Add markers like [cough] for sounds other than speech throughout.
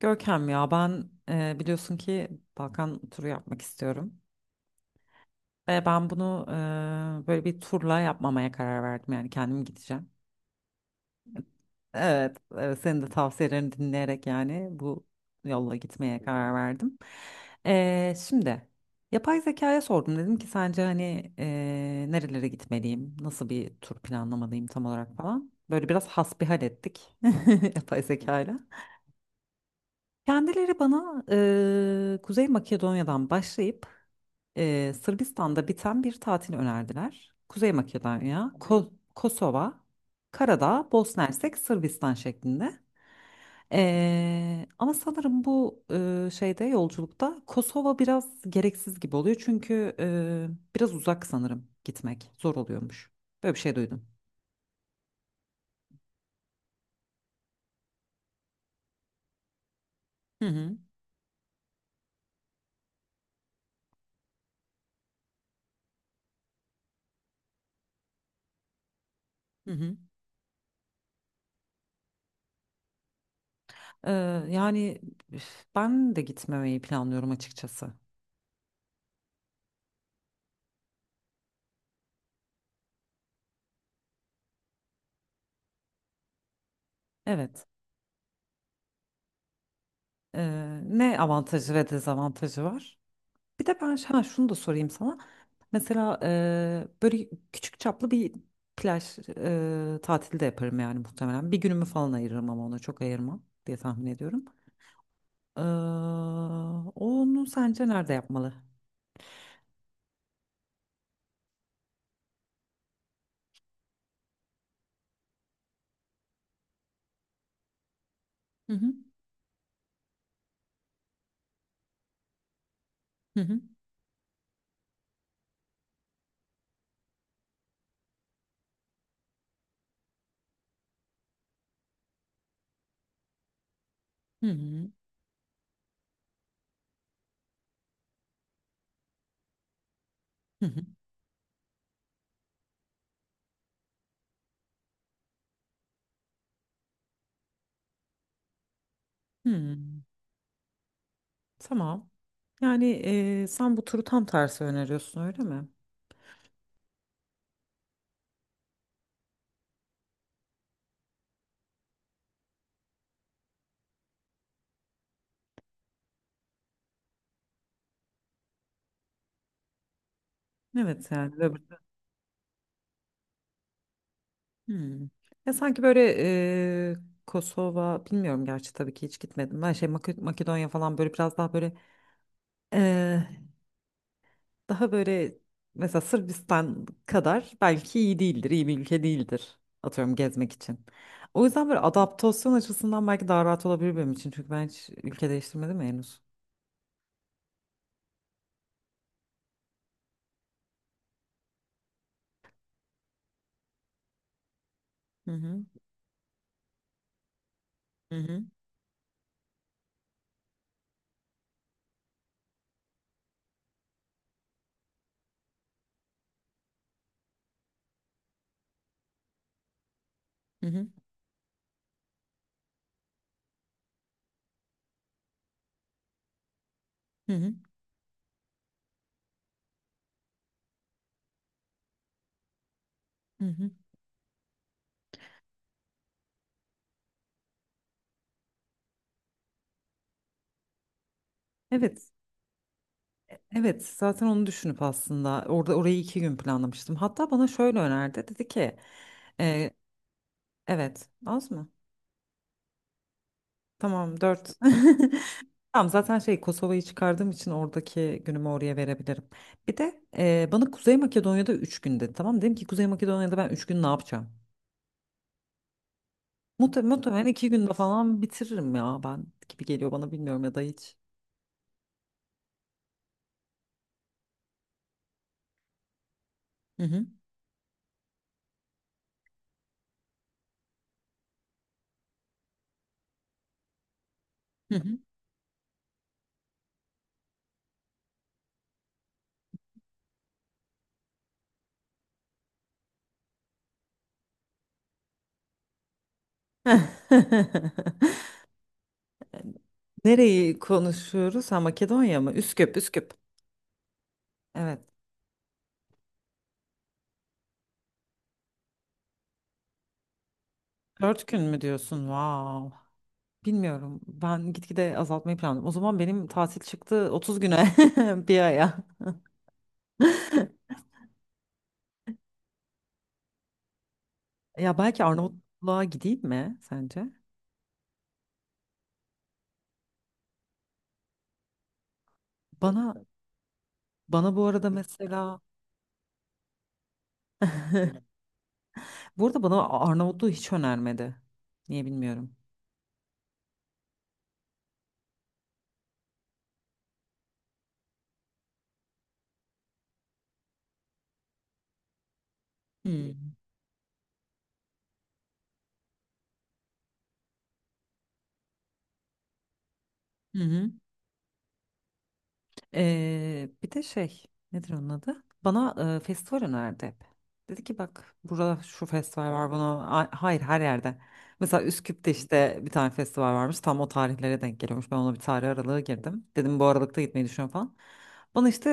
Görkem ya ben biliyorsun ki Balkan turu yapmak istiyorum. Ve ben bunu böyle bir turla yapmamaya karar verdim yani kendim gideceğim. Evet, evet senin de tavsiyelerini dinleyerek yani bu yolla gitmeye karar verdim. Şimdi yapay zekaya sordum dedim ki sence hani nerelere gitmeliyim, nasıl bir tur planlamalıyım tam olarak falan. Böyle biraz hasbihal ettik [laughs] yapay zekayla. Kendileri bana Kuzey Makedonya'dan başlayıp Sırbistan'da biten bir tatil önerdiler. Kuzey Makedonya, Kosova, Karadağ, Bosna Hersek, Sırbistan şeklinde. Ama sanırım bu şeyde yolculukta Kosova biraz gereksiz gibi oluyor. Çünkü biraz uzak sanırım gitmek zor oluyormuş. Böyle bir şey duydum. Hı hı. Hı hı. Ee, Yani üf, ben de gitmemeyi planlıyorum açıkçası. Evet. Ne avantajı ve dezavantajı var? Bir de ben ha, şunu da sorayım sana. Mesela böyle küçük çaplı bir plaj tatili de yaparım yani muhtemelen. Bir günümü falan ayırırım ama ona çok ayırmam diye tahmin ediyorum. Eee, Onu sence nerede yapmalı? Hı hı, hı hı, hı hı, hı hı, hı. Tamam. Yani sen bu turu tam tersi öneriyorsun öyle mi? Evet yani. Hmm. Ya sanki böyle Kosova bilmiyorum gerçi tabii ki hiç gitmedim. Ben şey Makedonya falan böyle biraz daha böyle eee, daha böyle mesela Sırbistan kadar belki iyi değildir, iyi bir ülke değildir atıyorum gezmek için. O yüzden böyle adaptasyon açısından belki daha rahat olabilir benim için. Çünkü ben hiç ülke değiştirmedim ya henüz. Hı hı. Hı hı. Hı hı. Hı hı. Hı hı. Evet. Evet, zaten onu düşünüp aslında orada orayı 2 gün planlamıştım. Hatta bana şöyle önerdi. Dedi ki evet. Az mı? Tamam 4. [laughs] Tamam zaten şey Kosova'yı çıkardığım için oradaki günümü oraya verebilirim. Bir de bana Kuzey Makedonya'da 3 gün dedi. Tamam dedim ki Kuzey Makedonya'da ben 3 gün ne yapacağım? Muhtemelen 2 günde falan bitiririm ya ben gibi geliyor bana bilmiyorum ya da hiç. Hı hı. Hı hı. [laughs] Nereyi konuşuyoruz? Ha Makedonya mı? Üsküp, Üsküp. Evet. 4 gün mü diyorsun? Wow. Bilmiyorum. Ben gitgide azaltmayı planladım. O zaman benim tatil çıktı 30 güne [laughs] bir aya. [laughs] Ya belki Arnavutluğa gideyim mi sence? Bana bana bu arada mesela [laughs] bu arada bana Arnavutluğu hiç önermedi. Niye bilmiyorum. Hmm. Hı hı. Bir de şey nedir onun adı? Bana festival önerdi hep. Dedi ki bak burada şu festival var bunu. Hayır, her yerde. Mesela Üsküp'te işte bir tane festival varmış tam o tarihlere denk geliyormuş. Ben ona bir tarih aralığı girdim. Dedim bu aralıkta gitmeyi düşünüyorum falan. Bana işte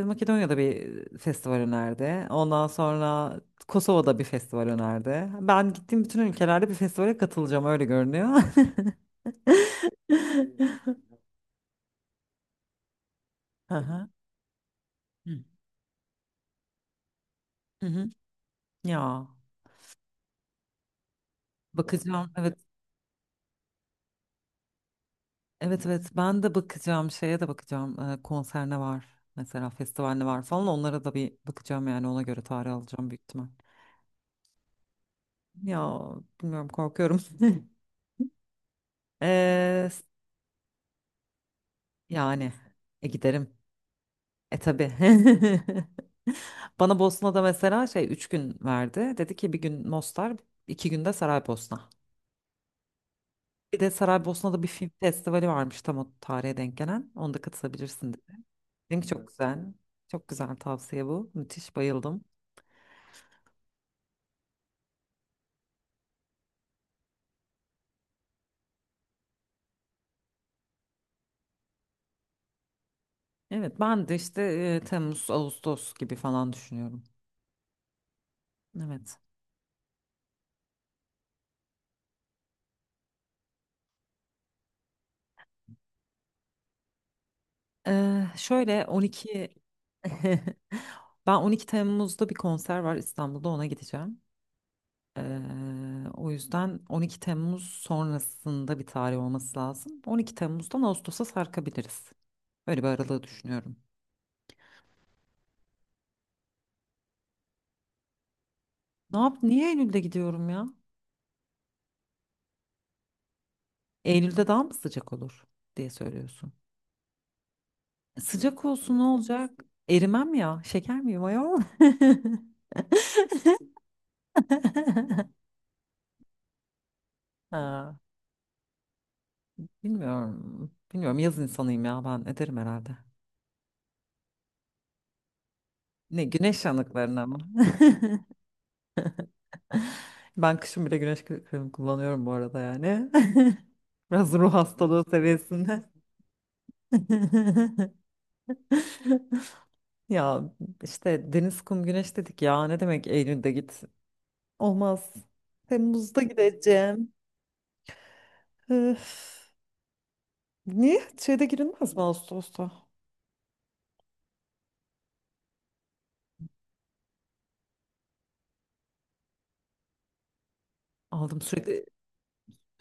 Makedonya'da bir festival önerdi. Ondan sonra Kosova'da bir festival önerdi. Ben gittiğim bütün ülkelerde bir festivale katılacağım öyle görünüyor. [laughs] Hı hı. Hı hı. Hı hı. Ya. Bakacağım. Evet. Evet evet. Ben de bakacağım. Şeye de bakacağım. Konser ne var? Mesela festival ne var falan. Onlara da bir bakacağım yani. Ona göre tarih alacağım büyük ihtimal. Ya bilmiyorum korkuyorum. [laughs] Ee, s- Yani giderim. E tabii. [laughs] Bana Bosna'da mesela şey 3 gün verdi. Dedi ki bir gün Mostar, 2 günde Saraybosna. Bir de Saraybosna'da bir film festivali varmış tam o tarihe denk gelen. Onda katılabilirsin. Link çok güzel. Çok güzel tavsiye bu. Müthiş bayıldım. Evet ben de işte Temmuz, Ağustos gibi falan düşünüyorum. Evet. Şöyle 12 [laughs] ben 12 Temmuz'da bir konser var İstanbul'da ona gideceğim. Ee, O yüzden 12 Temmuz sonrasında bir tarih olması lazım. 12 Temmuz'dan Ağustos'a sarkabiliriz. Böyle bir aralığı düşünüyorum. Ne yap? Niye Eylül'de gidiyorum ya? Eylül'de daha mı sıcak olur diye söylüyorsun. Sıcak olsun ne olacak? Erimem ya. Şeker miyim ayol? [laughs] Ha, bilmiyorum. Bilmiyorum yaz insanıyım ya ben ederim herhalde. Ne güneş yanıklarına mı? [laughs] Ben kışın bile güneş kremi kullanıyorum bu arada yani. [laughs] Biraz ruh hastalığı seviyesinde. [laughs] Ya işte deniz, kum, güneş dedik ya. Ne demek Eylül'de git? Olmaz. Temmuz'da gideceğim. Öf. Niye? Şeyde girilmez mi Ağustos'ta? Aldım sürekli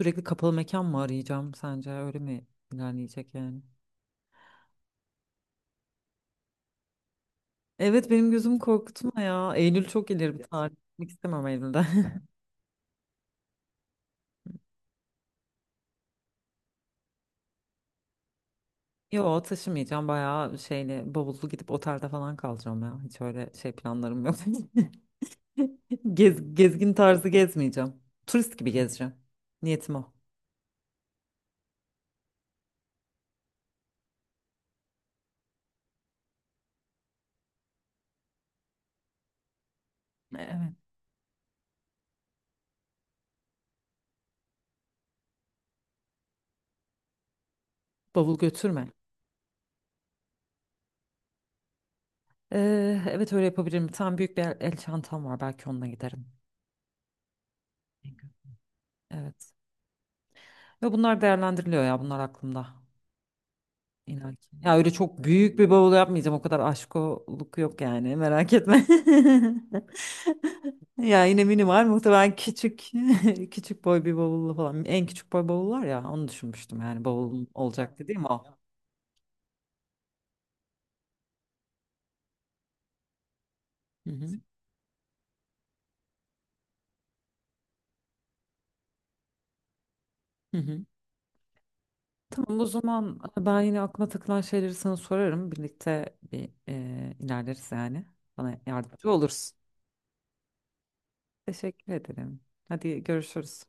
sürekli kapalı mekan mı arayacağım sence öyle mi ilerleyecek yani? Evet benim gözüm korkutma ya. Eylül çok ileri bir tarih. Gitmek istemem Eylül'de. [laughs] Yo taşımayacağım bayağı şeyle bavullu gidip otelde falan kalacağım ya. Hiç öyle şey planlarım yok. [laughs] Gezgin tarzı gezmeyeceğim. Turist gibi gezeceğim. Niyetim o. Evet. Bavul götürme. Evet öyle yapabilirim. Tam büyük bir el çantam var. Belki onunla giderim. Evet. Ve bunlar değerlendiriliyor ya bunlar aklımda. İnan ki. Ya öyle çok büyük bir bavul yapmayacağım. O kadar aşkoluk yok yani merak etme. [laughs] Ya yine minimal muhtemelen küçük [laughs] küçük boy bir bavullu falan. En küçük boy bavul var ya onu düşünmüştüm yani bavul olacaktı değil mi o? Hı hı. Hı hı. Tamam o zaman ben yine aklıma takılan şeyleri sana sorarım. Birlikte bir ilerleriz yani. Bana yardımcı olursun. Teşekkür ederim. Hadi görüşürüz.